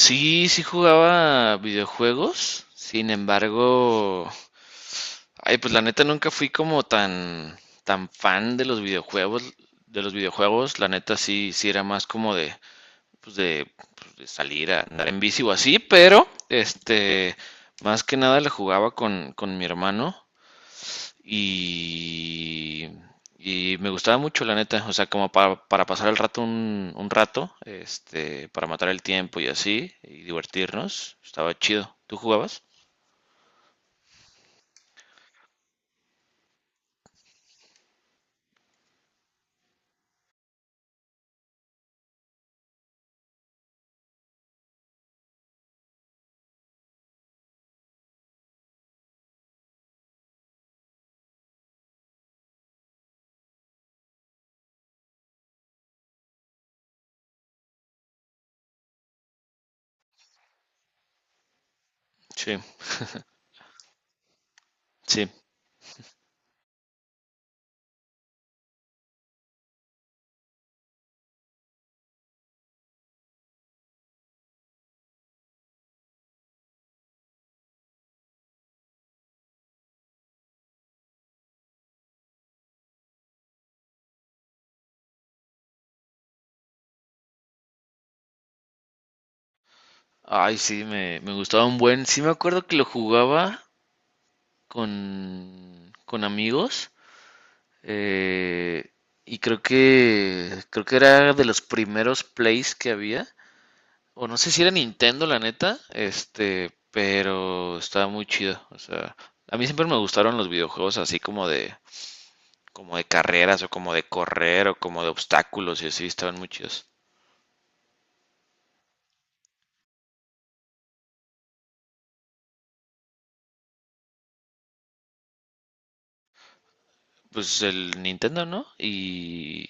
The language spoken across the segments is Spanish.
Sí, sí jugaba videojuegos. Sin embargo, ay, pues la neta nunca fui como tan fan de los videojuegos, de los videojuegos. La neta sí era más como de pues de, pues, de salir a andar en bici o así, pero este más que nada le jugaba con mi hermano y, y me gustaba mucho, la neta, o sea, como para pasar el rato un rato, este, para matar el tiempo y así, y divertirnos, estaba chido. ¿Tú jugabas? Sí, sí. Ay, sí, me gustaba un buen. Sí, me acuerdo que lo jugaba con amigos. eh, y creo que era de los primeros plays que había. O no sé si era Nintendo, la neta, este, pero estaba muy chido. O sea, a mí siempre me gustaron los videojuegos así como de carreras o como de correr o como de obstáculos y así, estaban muy chidos. Pues el Nintendo, ¿no? Y...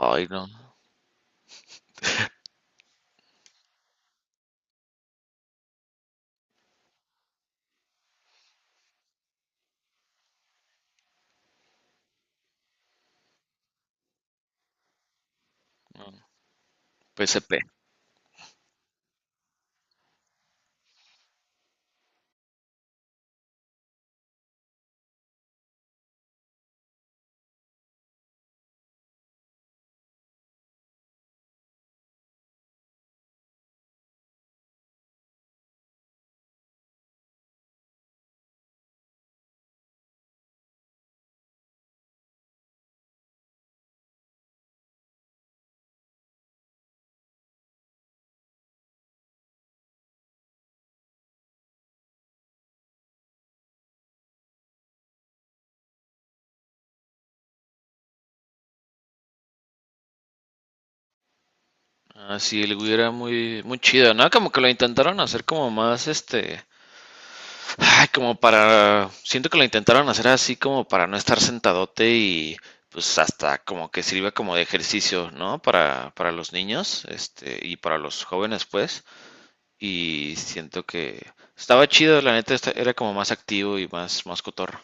ay, no, PSP. Así el Wii era muy chido, ¿no? Como que lo intentaron hacer como más, este, ay, como para, siento que lo intentaron hacer así como para no estar sentadote y pues hasta como que sirva como de ejercicio, ¿no? Para los niños, este, y para los jóvenes, pues. Y siento que estaba chido, la neta, era como más activo y más cotorro.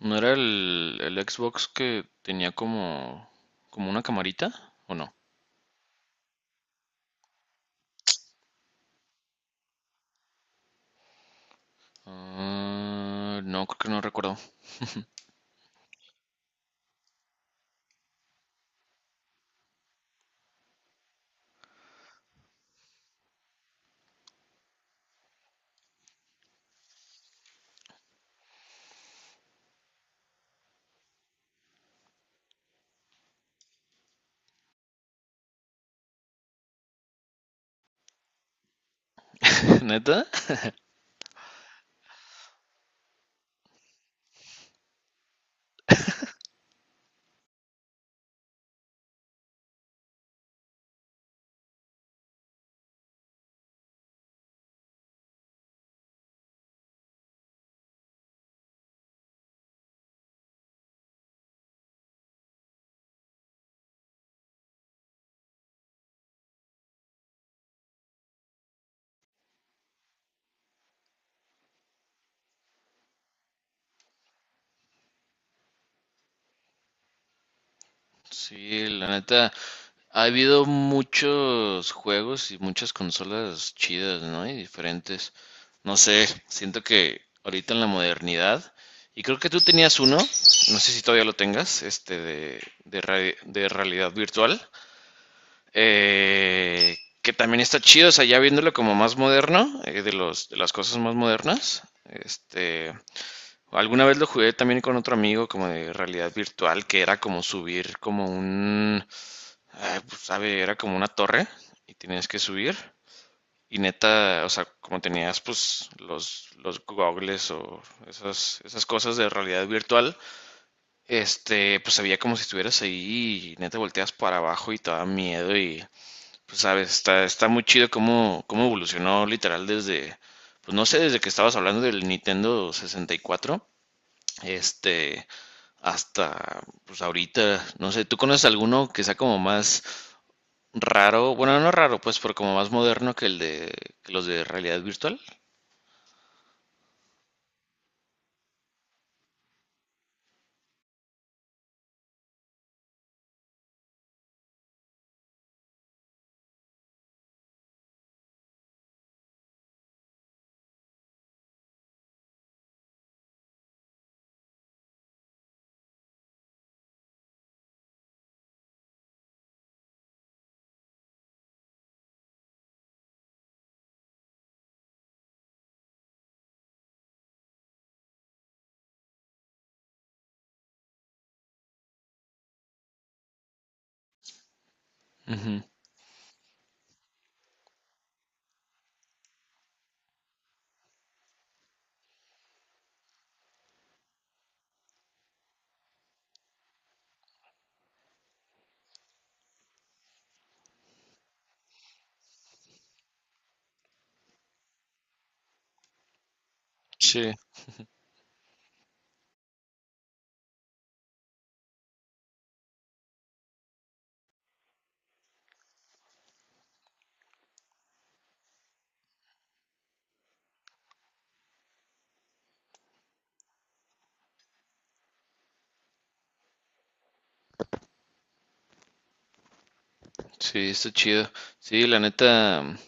¿No era el Xbox que tenía como, como una camarita? ¿O no? Ah, no, creo que no recuerdo. ¿Neta? Sí, la neta. Ha habido muchos juegos y muchas consolas chidas, ¿no? Y diferentes. No sé, siento que ahorita en la modernidad, y creo que tú tenías uno, no sé si todavía lo tengas, este de realidad virtual, que también está chido, o sea, ya viéndolo como más moderno, de de las cosas más modernas, este, alguna vez lo jugué también con otro amigo como de realidad virtual, que era como subir como un... ah, pues, a ver, era como una torre y tenías que subir. Y neta, o sea, como tenías pues los goggles o esas cosas de realidad virtual, este, pues se veía como si estuvieras ahí y neta volteas para abajo y te daba miedo y pues sabes, está muy chido cómo evolucionó literal desde, pues no sé, desde que estabas hablando del Nintendo 64, este, hasta pues ahorita, no sé, ¿tú conoces alguno que sea como más... raro, bueno, no raro, pues, pero como más moderno que los de realidad virtual. Ujú. Sí, sí, está chido. Sí, la neta,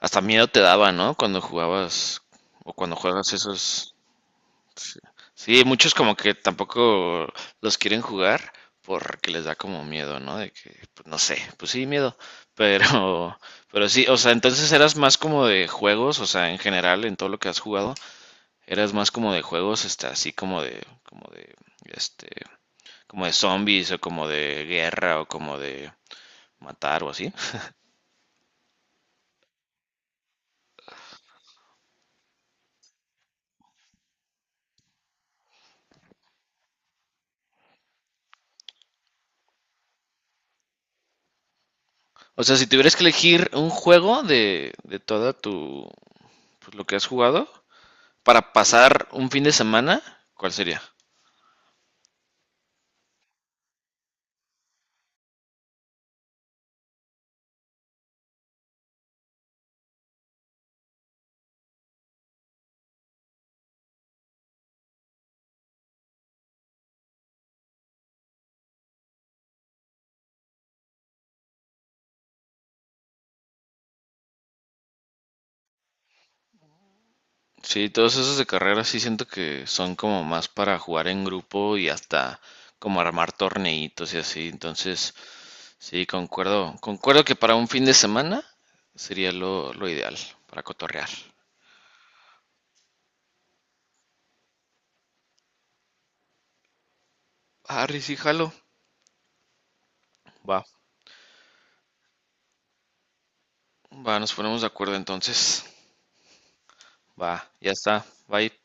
hasta miedo te daba, ¿no? Cuando jugabas o cuando juegas esos. Sí, sí, muchos como que tampoco los quieren jugar porque les da como miedo, ¿no? De que, pues, no sé, pues sí, miedo. Pero, pero sí, o sea, entonces eras más como de juegos, o sea, en general, en todo lo que has jugado. Eras más como de juegos, este, así este, como de zombies o como de guerra o como de matar o así. O sea, si tuvieras que elegir un juego de toda tu, pues, lo que has jugado para pasar un fin de semana, ¿cuál sería? Sí, todos esos de carrera sí siento que son como más para jugar en grupo y hasta como armar torneitos y así. Entonces, sí, concuerdo, concuerdo que para un fin de semana sería lo ideal para cotorrear. Harry, sí, jalo. Va, va, nos ponemos de acuerdo entonces. Va, ya está. Bye.